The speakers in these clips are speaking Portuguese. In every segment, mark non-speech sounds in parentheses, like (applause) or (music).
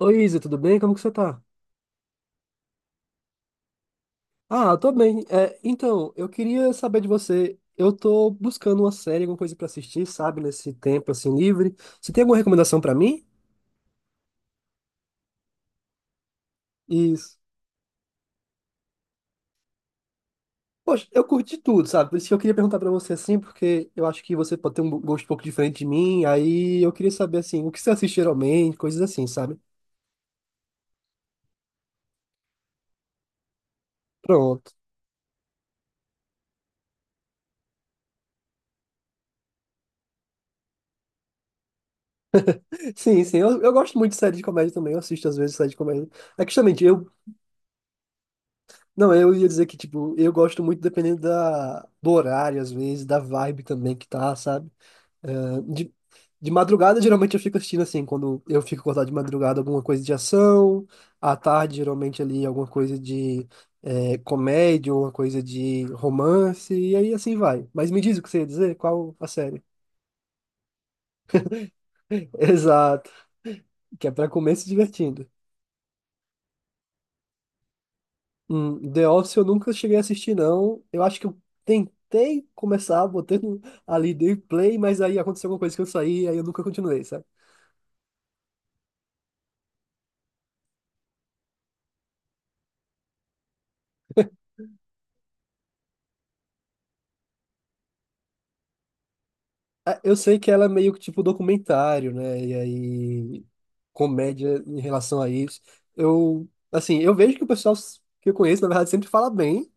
Oi, Isa, tudo bem? Como que você tá? Ah, eu tô bem. É, então, eu queria saber de você. Eu tô buscando uma série, alguma coisa pra assistir, sabe? Nesse tempo, assim, livre. Você tem alguma recomendação pra mim? Isso. Poxa, eu curti tudo, sabe? Por isso que eu queria perguntar pra você, assim, porque eu acho que você pode ter um gosto um pouco diferente de mim. Aí eu queria saber, assim, o que você assiste geralmente, coisas assim, sabe? Pronto. Sim, sim. Eu gosto muito de série de comédia também. Eu assisto, às vezes, série de comédia. É que, justamente, eu. Não, eu ia dizer que, tipo, eu gosto muito dependendo da, do horário, às vezes, da vibe também que tá, sabe? Eh, de, de madrugada, geralmente eu fico assistindo assim, quando eu fico acordado de madrugada, alguma coisa de ação, à tarde, geralmente ali, alguma coisa de comédia, alguma coisa de romance, e aí assim vai. Mas me diz o que você ia dizer, qual a série? (laughs) Exato, que é pra comer se divertindo. The Office eu nunca cheguei a assistir, não. Eu acho que eu tentei começar botando (laughs) ali dei play, mas aí aconteceu alguma coisa que eu saí, aí eu nunca continuei, sabe? Ah, eu sei que ela é meio que tipo documentário, né? E aí comédia em relação a isso. Eu, assim, eu vejo que o pessoal que eu conheço, na verdade, sempre fala bem,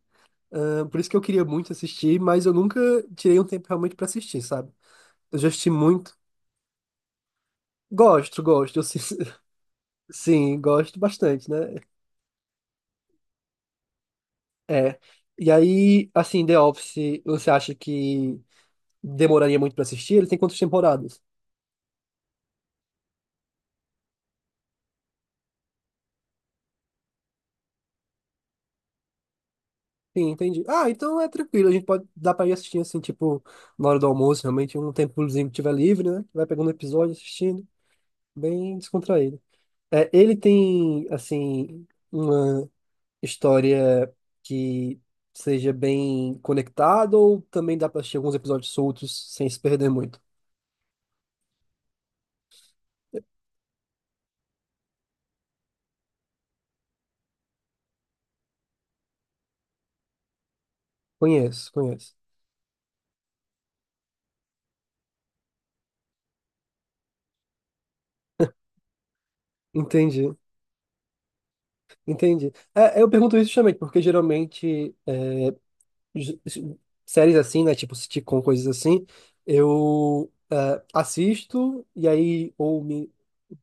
ah, por isso que eu queria muito assistir, mas eu nunca tirei um tempo realmente pra assistir, sabe? Eu já assisti muito. Gosto, gosto. Eu, sim, (laughs) sim, gosto bastante, né? É. E aí, assim, The Office, você acha que demoraria muito pra assistir? Ele tem quantas temporadas? Sim, entendi. Ah, então é tranquilo, a gente pode dar pra ir assistindo assim, tipo, na hora do almoço, realmente, um tempozinho que tiver livre, né? Vai pegando episódio, assistindo, bem descontraído. É, ele tem, assim, uma história que seja bem conectada ou também dá pra assistir alguns episódios soltos sem se perder muito? Conheço, conheço. Entendi. Entendi. É, eu pergunto isso justamente, porque geralmente é, séries assim, né? Tipo sitcom, coisas assim, eu assisto e aí ou me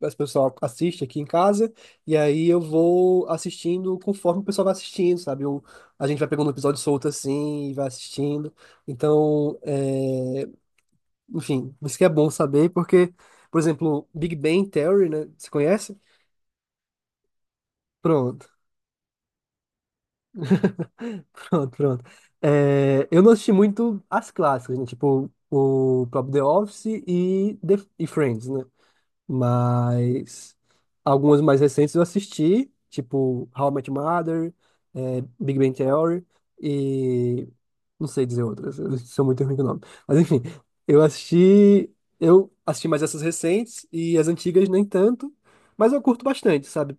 as pessoal assiste aqui em casa e aí eu vou assistindo conforme o pessoal vai assistindo, sabe? Eu, a gente vai pegando um episódio solto assim e vai assistindo. Então, é, enfim, isso que é bom saber, porque, por exemplo, Big Bang Theory, né? Você conhece? Pronto. Pronto, pronto. É, eu não assisti muito as clássicas, né? Tipo, o próprio The Office e, The, e Friends, né? Mas algumas mais recentes eu assisti, tipo How I Met Your Mother, é, Big Bang Theory e não sei dizer outras, eu sou muito ruim com o nome. Mas enfim, eu assisti, eu assisti mais essas recentes e as antigas nem tanto, mas eu curto bastante, sabe?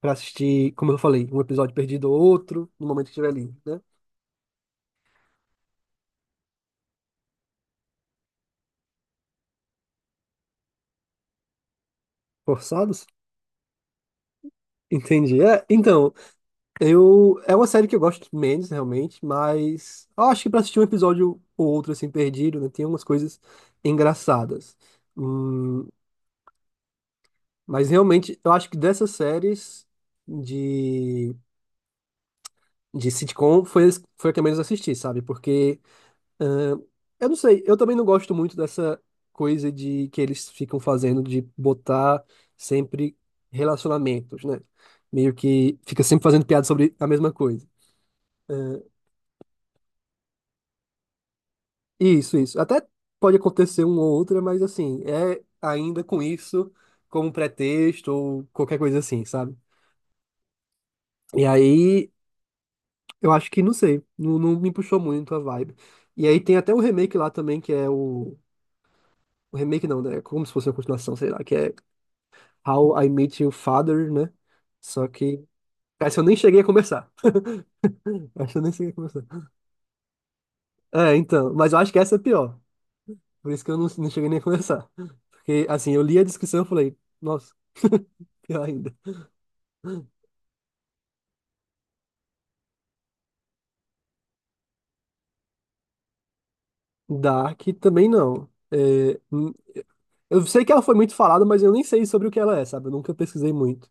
Pra assistir, como eu falei, um episódio perdido ou outro, no momento que estiver ali, né? Forçados? Entendi. É, então, eu. É uma série que eu gosto menos, realmente, mas eu acho que pra assistir um episódio ou outro, assim, perdido, né? Tem umas coisas engraçadas. Hum, mas realmente, eu acho que dessas séries de, de sitcom foi a que eu menos assisti, sabe? Porque. É, eu não sei, eu também não gosto muito dessa coisa de que eles ficam fazendo de botar sempre relacionamentos, né? Meio que fica sempre fazendo piada sobre a mesma coisa. É, isso, isso. Até pode acontecer uma ou outra, mas assim, é ainda com isso como pretexto ou qualquer coisa assim, sabe? E aí, eu acho que, não sei, não me puxou muito a vibe. E aí tem até um remake lá também, que é o remake não, né? É como se fosse uma continuação, sei lá, que é How I Met Your Father, né? Só que. Essa eu nem cheguei a começar. (laughs) Essa eu nem cheguei a começar. É, então. Mas eu acho que essa é pior. Por isso que eu não cheguei nem a começar. Porque, assim, eu li a descrição e falei, nossa, (laughs) pior ainda. Dark também não. É, eu sei que ela foi muito falada, mas eu nem sei sobre o que ela é, sabe? Eu nunca pesquisei muito.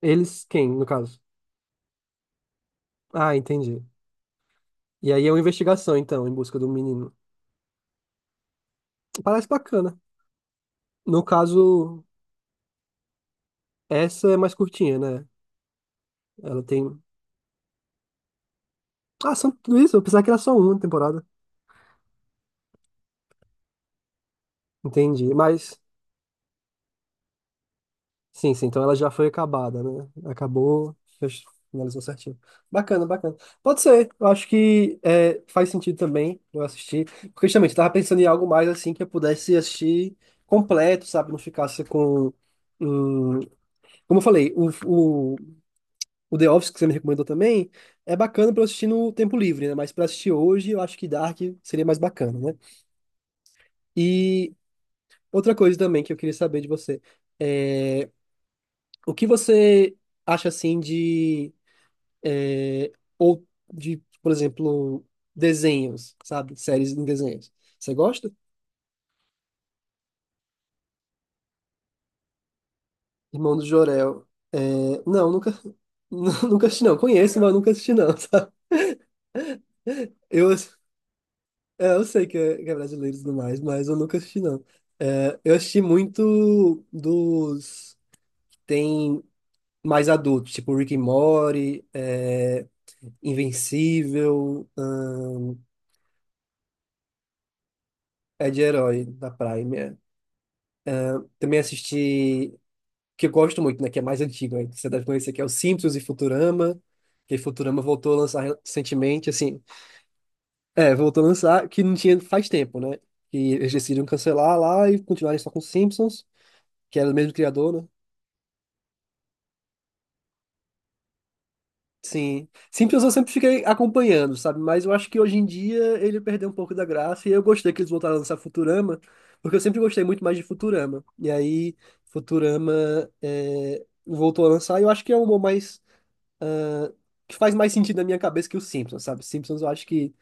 Eles, quem, no caso? Ah, entendi. E aí é uma investigação, então, em busca do menino. Parece bacana. No caso, essa é mais curtinha, né? Ela tem. Ah, são tudo isso? Eu pensava que era só uma temporada. Entendi. Mas, sim, sim, então ela já foi acabada, né? Acabou, fech- finalizou certinho. Bacana, bacana. Pode ser, eu acho que é, faz sentido também eu assistir. Porque justamente eu tava pensando em algo mais assim que eu pudesse assistir completo, sabe? Não ficasse com. Hum, como eu falei, o The Office que você me recomendou também é bacana pra eu assistir no tempo livre, né? Mas pra assistir hoje, eu acho que Dark seria mais bacana, né? E outra coisa também que eu queria saber de você é o que você acha assim de ou de, por exemplo, desenhos, sabe? Séries em desenhos. Você gosta? Irmão do Jorel. É, não, nunca (laughs) nunca assisti não. Conheço, mas nunca assisti não, (laughs) sabe? Eu é, eu sei que é brasileiro e tudo mais, mas eu nunca assisti não. É, eu assisti muito dos que tem mais adultos, tipo Rick and Morty, é, Invencível. É de herói da Prime, é. Também assisti, que eu gosto muito, né? Que é mais antigo, aí, você deve conhecer, que é o Simpsons e Futurama. Que Futurama voltou a lançar recentemente, assim. É, voltou a lançar, que não tinha faz tempo, né? E eles decidiram cancelar lá e continuarem só com Simpsons, que era o mesmo criador, né? Sim. Simpsons eu sempre fiquei acompanhando, sabe? Mas eu acho que hoje em dia ele perdeu um pouco da graça e eu gostei que eles voltaram a lançar Futurama, porque eu sempre gostei muito mais de Futurama. E aí, Futurama é, voltou a lançar e eu acho que é um humor mais... que faz mais sentido na minha cabeça que o Simpsons, sabe? Simpsons eu acho que...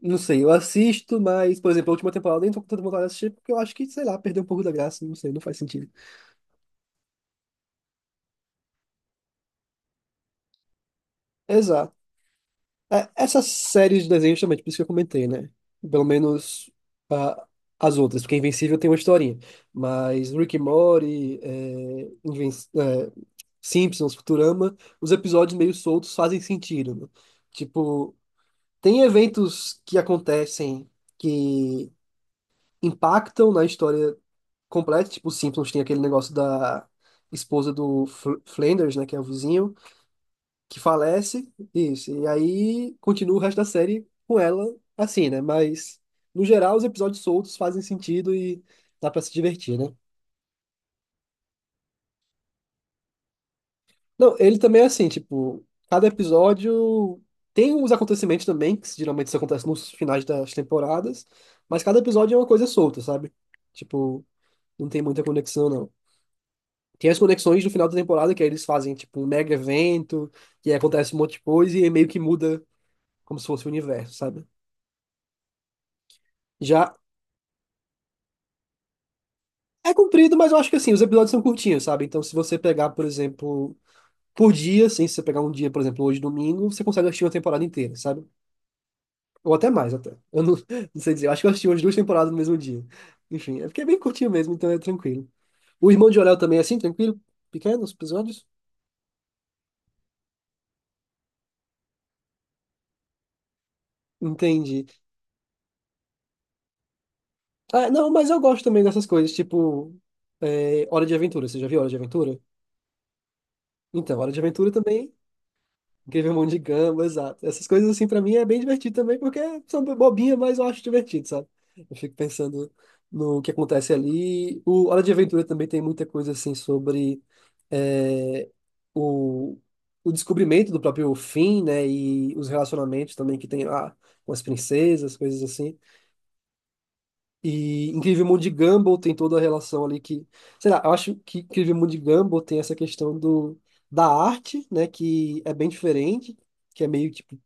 Não sei, eu assisto, mas, por exemplo, a última temporada eu nem tô com tanta vontade de assistir porque eu acho que, sei lá, perdeu um pouco da graça, não sei, não faz sentido. É, essas séries de desenhos também, por isso que eu comentei, né? Pelo menos ah, as outras, porque Invencível tem uma historinha. Mas Rick and Morty, é, Inven- é, Simpsons, Futurama, os episódios meio soltos fazem sentido, né? Tipo, tem eventos que acontecem que impactam na história completa, tipo, os Simpsons tem aquele negócio da esposa do Fl- Flanders, né, que é o vizinho que falece, isso. E aí continua o resto da série com ela assim, né? Mas, no geral, os episódios soltos fazem sentido e dá pra se divertir, né? Não, ele também é assim, tipo, cada episódio tem os acontecimentos também, que geralmente isso acontece nos finais das temporadas, mas cada episódio é uma coisa solta, sabe? Tipo, não tem muita conexão, não. Tem as conexões do final da temporada, que aí eles fazem, tipo, um mega evento, e aí acontece um monte de coisa, e aí meio que muda como se fosse o universo, sabe? Já. É comprido, mas eu acho que assim, os episódios são curtinhos, sabe? Então, se você pegar, por exemplo, por dia, assim, se você pegar um dia, por exemplo, hoje domingo, você consegue assistir uma temporada inteira, sabe? Ou até mais, até. Eu não, (laughs) não sei dizer, eu acho que eu assisti umas duas temporadas no mesmo dia. Enfim, é porque é bem curtinho mesmo, então é tranquilo. O Irmão de Orel também é assim, tranquilo? Pequenos episódios? Entendi. Ah, não, mas eu gosto também dessas coisas, tipo, é, Hora de Aventura. Você já viu Hora de Aventura? Então, Hora de Aventura também. Incrível Mundo de Gumball, exato. Essas coisas, assim, pra mim é bem divertido também, porque são bobinhas, mas eu acho divertido, sabe? Eu fico pensando no que acontece ali. O Hora de Aventura também tem muita coisa, assim, sobre é, o, o descobrimento do próprio fim, né? E os relacionamentos também que tem lá com as princesas, coisas assim. E Incrível Mundo de Gumball tem toda a relação ali que... Sei lá, eu acho que Incrível Mundo de Gumball tem essa questão da arte, né? Que é bem diferente que é meio tipo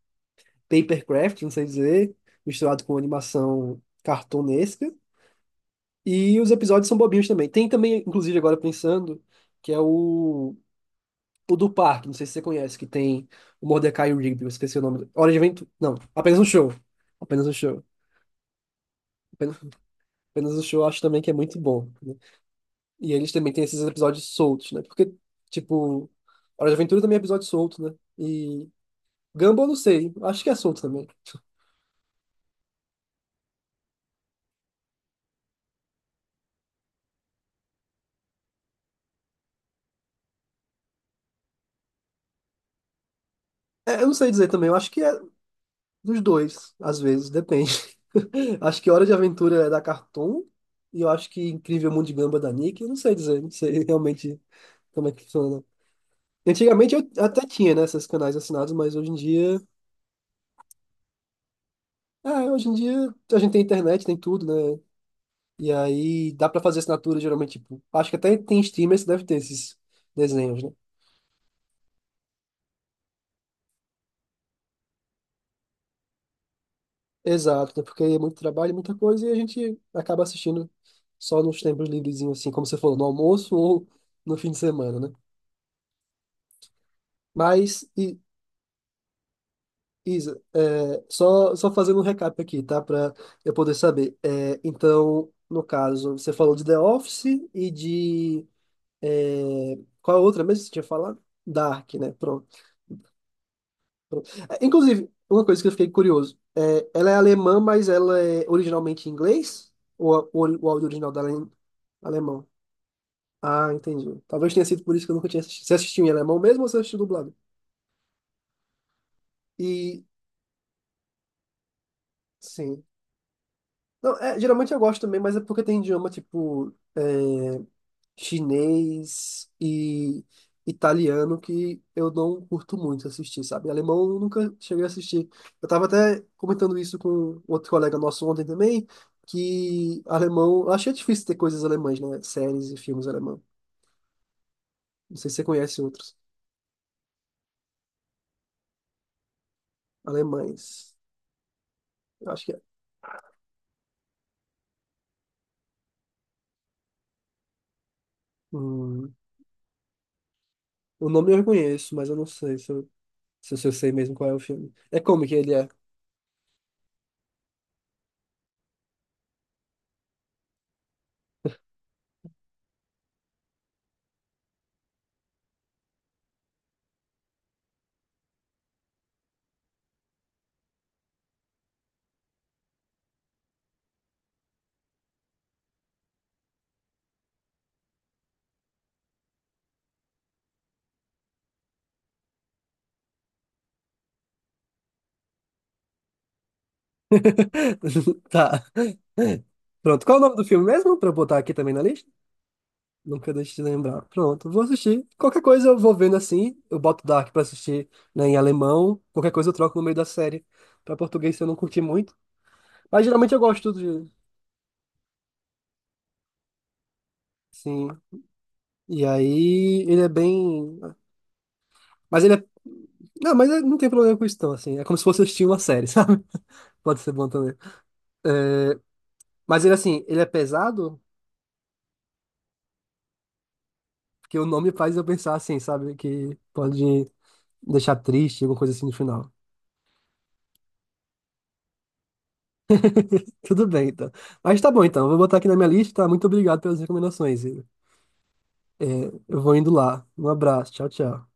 papercraft, não sei dizer, misturado com animação cartunesca. E os episódios são bobinhos também. Tem também, inclusive, agora pensando, que é o do parque, não sei se você conhece, que tem o Mordecai e o Rigby, eu esqueci o nome. Hora de Aventura. Não, apenas um show. Apenas um show. Apenas, apenas um show, eu acho também que é muito bom, né? E eles também têm esses episódios soltos, né? Porque, tipo, Hora de Aventura também é episódio solto, né? E Gumball, eu não sei. Acho que é solto também. É, eu não sei dizer também. Eu acho que é, dos dois, às vezes, depende. (laughs) Acho que Hora de Aventura é da Cartoon e eu acho que Incrível Mundo de Gamba é da Nick. Eu não sei dizer, não sei (laughs) realmente como é que funciona. Antigamente eu até tinha, né, esses canais assinados, mas hoje em dia, ah, hoje em dia a gente tem internet, tem tudo, né? E aí dá pra fazer assinatura geralmente, tipo, acho que até tem streamers que deve ter esses desenhos, né? Exato, né? Porque é muito trabalho, muita coisa e a gente acaba assistindo só nos tempos livrezinhos, assim, como você falou, no almoço ou no fim de semana, né? Mas, I- Isa, é, só fazendo um recap aqui, tá? Para eu poder saber. É, então, no caso, você falou de The Office e de. É, qual a outra mesmo que você tinha falado? Dark, né? Pronto. Pronto. É, inclusive, uma coisa que eu fiquei curioso: é, ela é alemã, mas ela é originalmente em inglês? Ou a- o áudio original dela é em alemão? Ah, entendi. Talvez tenha sido por isso que eu nunca tinha assistido. Você assistiu em alemão mesmo ou você assistiu dublado? E. Sim. Não, é, geralmente eu gosto também, mas é porque tem idioma tipo é, chinês e italiano que eu não curto muito assistir, sabe? Alemão eu nunca cheguei a assistir. Eu tava até comentando isso com um outro colega nosso ontem também, que alemão, eu achei difícil ter coisas alemãs, né? Séries e filmes alemão. Não sei se você conhece outros alemães. Eu acho que é. Hum, o nome eu reconheço, mas eu não sei se eu, se eu sei mesmo qual é o filme. É como que ele é. (laughs) Tá. (laughs) É. Pronto, qual é o nome do filme mesmo? Pra eu botar aqui também na lista? Nunca deixe de lembrar. Pronto, vou assistir. Qualquer coisa eu vou vendo assim. Eu boto Dark pra assistir, né, em alemão. Qualquer coisa eu troco no meio da série. Pra português se eu não curti muito. Mas geralmente eu gosto de. Sim. E aí ele é bem. Mas ele é. Não, mas é, não tem problema com isso, não, assim. É como se fosse assistir uma série, (laughs) sabe? Pode ser bom também. Mas ele, assim, ele é pesado, porque o nome faz eu pensar assim, sabe? Que pode deixar triste, alguma coisa assim no final. Tudo bem, então. Mas tá bom, então. Vou botar aqui na minha lista. Muito obrigado pelas recomendações. Igor. Eu vou indo lá. Um abraço. Tchau, tchau.